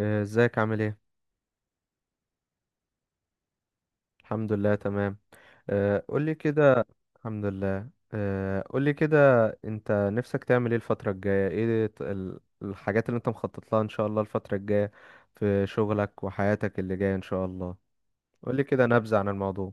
ازيك عامل ايه؟ الحمد لله تمام. قولي كده. الحمد لله. قولي كده، انت نفسك تعمل ايه الفترة الجاية؟ ايه الحاجات اللي انت مخطط لها ان شاء الله الفترة الجاية في شغلك وحياتك اللي جاية ان شاء الله؟ قولي كده نبذة عن الموضوع.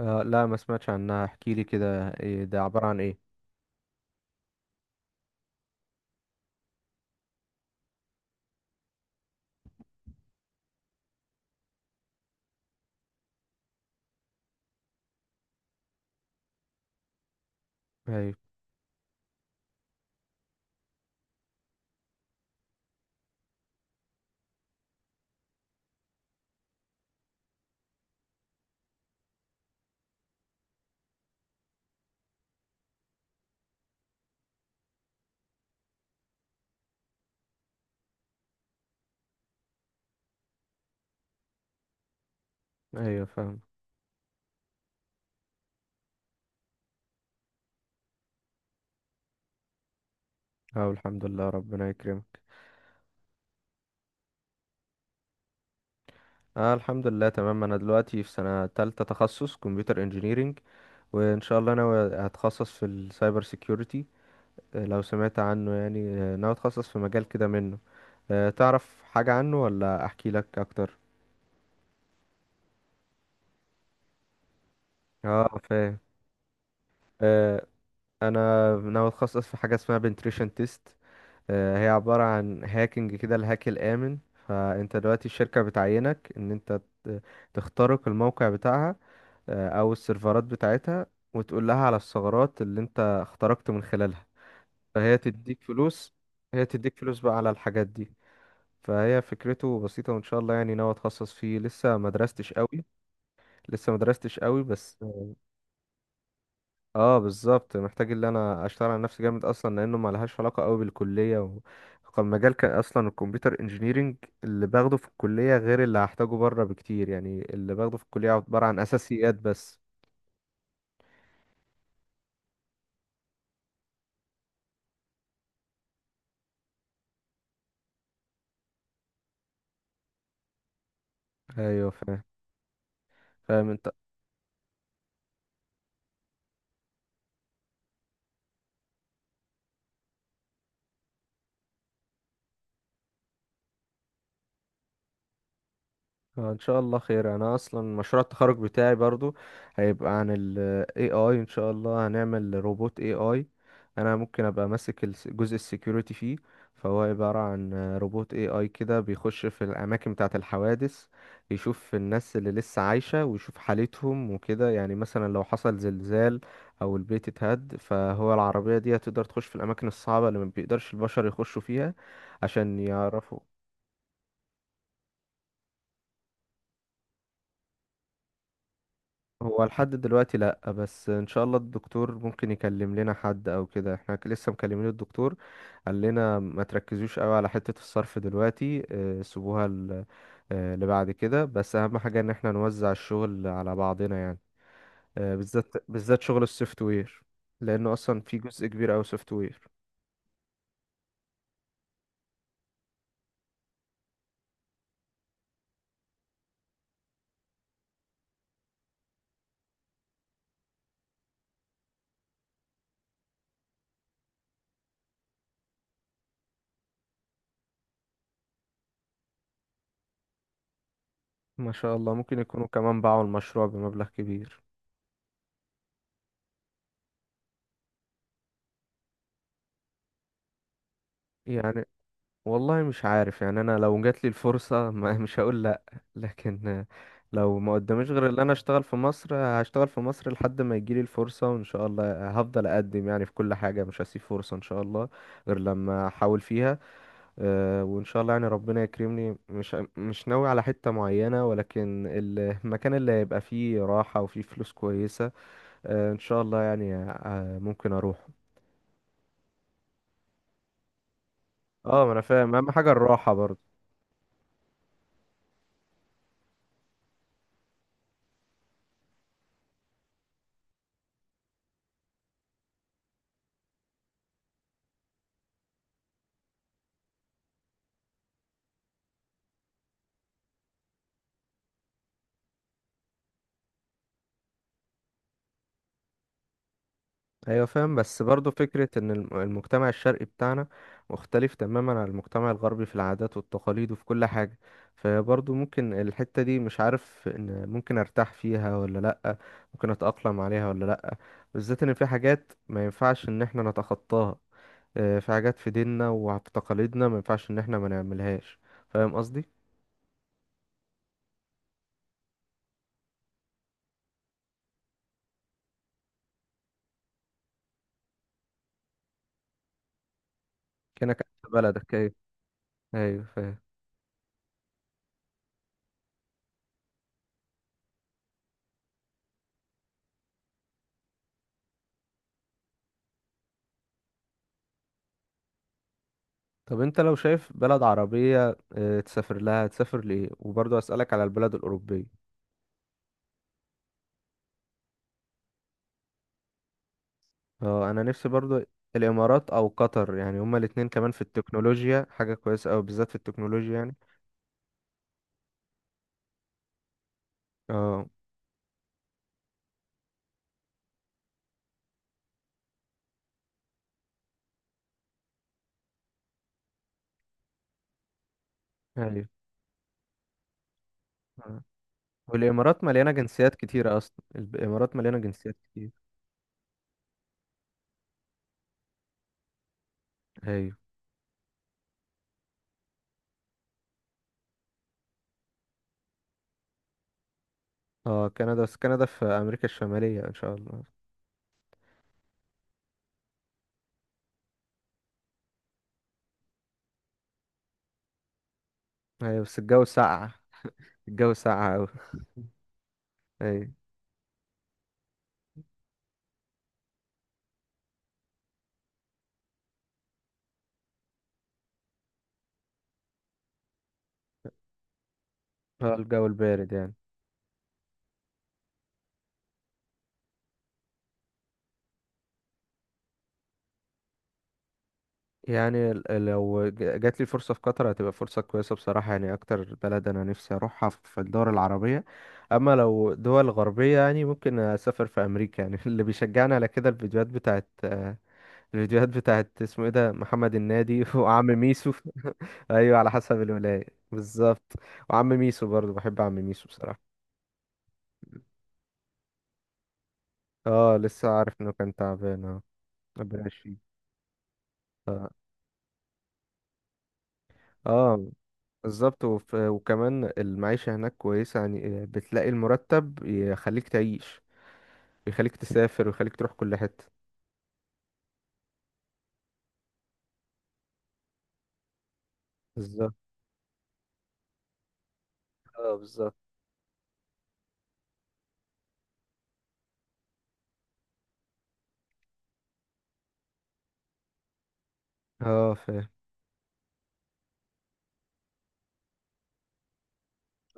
لا، ما سمعتش عنها، احكيلي كده، ايه ده؟ عبارة عن ايه؟ ايوه. ايوه فاهم. اه الحمد لله، ربنا يكرمك. اه الحمد لله تمام. انا دلوقتي في سنة تالتة، تخصص كمبيوتر انجينيرينج. وان شاء الله انا هتخصص في السايبر سيكيورتي. لو سمعت عنه يعني. ناوي اتخصص في مجال كده منه. تعرف حاجة عنه ولا احكي لك اكتر؟ اه فاهم. آه، انا ناوي اتخصص في حاجة اسمها بنتريشن تيست. هي عبارة عن هاكينج كده، الهاك الآمن. فانت دلوقتي الشركة بتعينك ان انت تخترق الموقع بتاعها او السيرفرات بتاعتها، وتقول لها على الثغرات اللي انت اخترقت من خلالها، فهي تديك فلوس. هي تديك فلوس بقى على الحاجات دي. فهي فكرته بسيطة، وان شاء الله يعني ناوي اتخصص فيه. لسه ما درستش قوي بس. اه بالظبط، محتاج ان انا اشتغل على نفسي جامد، اصلا لانه ما لهاش علاقة قوي بالكلية، و... كان اصلا الكمبيوتر انجينيرينج اللي باخده في الكلية غير اللي هحتاجه بره بكتير. يعني اللي باخده في الكلية عبارة عن اساسيات بس. ايوه فاهم. فاهم. ان شاء الله خير. انا اصلا مشروع التخرج بتاعي برضو هيبقى عن ال AI. ان شاء الله هنعمل روبوت AI. انا ممكن ابقى ماسك جزء السكيورتي فيه. فهو عبارة عن روبوت AI كده بيخش في الاماكن بتاعة الحوادث، يشوف الناس اللي لسه عايشة ويشوف حالتهم وكده. يعني مثلا لو حصل زلزال او البيت اتهد، فهو العربية دي هتقدر تخش في الاماكن الصعبة اللي ما بيقدرش البشر يخشوا فيها، عشان يعرفوا. هو لحد دلوقتي لأ، بس إن شاء الله الدكتور ممكن يكلم لنا حد أو كده. احنا لسه مكلمين الدكتور. قال لنا ما تركزوش قوي على حتة الصرف دلوقتي، سيبوها لبعد كده. بس أهم حاجة إن احنا نوزع الشغل على بعضنا يعني، بالذات بالذات شغل السوفت وير، لأنه أصلا في جزء كبير أوي سوفت وير. ما شاء الله، ممكن يكونوا كمان باعوا المشروع بمبلغ كبير. يعني والله مش عارف يعني. انا لو جات لي الفرصه ما مش هقول لا. لكن لو ما قداميش غير ان انا اشتغل في مصر هشتغال في مصر لحد ما يجي لي الفرصه، وان شاء الله هفضل اقدم يعني في كل حاجه، مش هسيب فرصه ان شاء الله غير لما احاول فيها. وان شاء الله يعني ربنا يكرمني. مش ناوي على حته معينه، ولكن المكان اللي هيبقى فيه راحه وفيه فلوس كويسه، ان شاء الله يعني ممكن اروح. اه ما انا فاهم، اهم حاجه الراحه برضه. ايوه فاهم، بس برضو فكرة ان المجتمع الشرقي بتاعنا مختلف تماما عن المجتمع الغربي في العادات والتقاليد وفي كل حاجة. فبرضو ممكن الحتة دي مش عارف ان ممكن ارتاح فيها ولا لأ، ممكن اتأقلم عليها ولا لأ. بالذات ان في حاجات ما ينفعش ان احنا نتخطاها. في حاجات في ديننا وفي تقاليدنا ما ينفعش ان احنا ما نعملهاش. فاهم قصدي؟ كأنك في بلدك، ايوه. ايوه فاهم. طب انت لو شايف بلد عربية تسافر لها، تسافر لإيه؟ وبرضو اسألك على البلد الأوروبية. اه انا نفسي برضو. الامارات او قطر، يعني هما الاتنين كمان في التكنولوجيا حاجة كويسة اوي، بالذات في التكنولوجيا يعني. اه. ايوه. آه. والامارات مليانة جنسيات كتيرة، اصلا الامارات مليانة جنسيات كتير. ايوه. اه كندا، بس كندا في امريكا الشمالية ان شاء الله. ايوه بس الجو ساقعة، الجو ساقعة اوي. ايوه. اه الجو البارد يعني. يعني لو جات لي فرصة في قطر هتبقى فرصة كويسة بصراحة يعني، أكتر بلد أنا نفسي أروحها في الدول العربية. أما لو دول غربية يعني، ممكن أسافر في أمريكا يعني اللي بيشجعني على كده الفيديوهات بتاعت الفيديوهات بتاعت اسمه إيه ده محمد النادي وعم ميسو أيوة على حسب الولاية. بالظبط. وعم ميسو برضه بحب عم ميسو بصراحة. اه لسه عارف إنه كان تعبان، اه. ربنا يشفيه. اه بالظبط، وكمان المعيشة هناك كويسة، يعني بتلاقي المرتب يخليك تعيش ويخليك تسافر ويخليك تروح كل حتة. بالظبط، اه بالظبط. اه فاهم.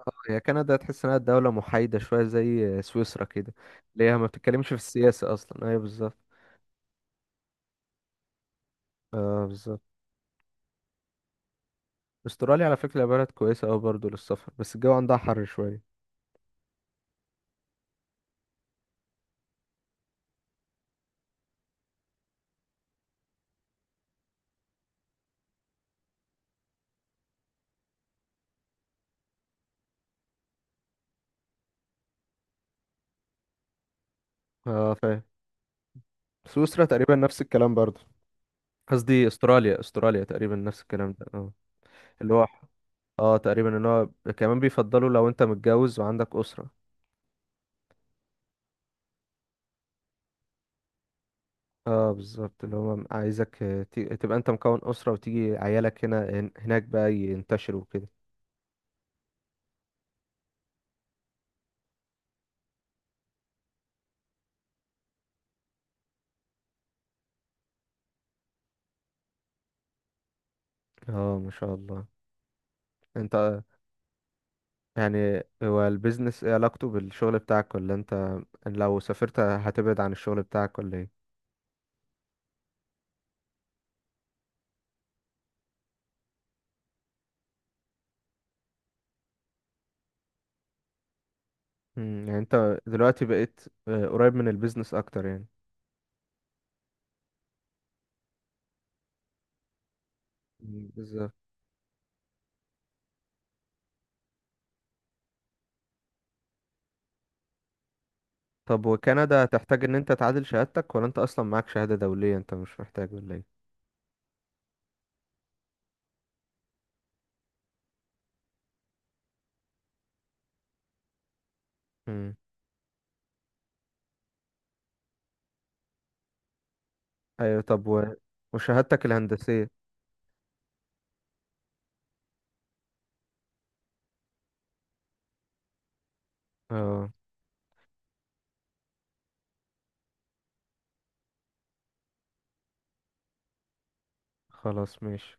اه هي كندا تحس انها دولة محايدة شوية زي سويسرا كده، اللي هي ما بتتكلمش في السياسة اصلا، ايوه بالظبط. اه بالظبط. استراليا على فكرة بلد كويسة اوي برضه للسفر، بس الجو عندها حر شوية. اه فاهم. سويسرا تقريبا نفس الكلام برضه. قصدي استراليا، استراليا تقريبا نفس الكلام ده، اه. اللي هو اه تقريبا ان هو كمان بيفضلوا لو انت متجوز وعندك اسره. اه بالظبط، اللي هو عايزك تبقى انت مكون اسره، وتيجي عيالك هنا هناك بقى ينتشروا كده. اه ما شاء الله. انت، يعني هو البيزنس ايه علاقته بالشغل بتاعك؟ ولا انت لو سافرت هتبعد عن الشغل بتاعك ولا ايه؟ مم، يعني انت دلوقتي بقيت قريب من البيزنس اكتر يعني. مم، بالظبط. طب وكندا تحتاج ان انت تعادل شهادتك؟ ولا انت اصلا معاك شهاده دوليه، انت مش محتاج ولا ايه؟ مم. ايوه طب و، وشهادتك الهندسية. اه. خلاص ماشي.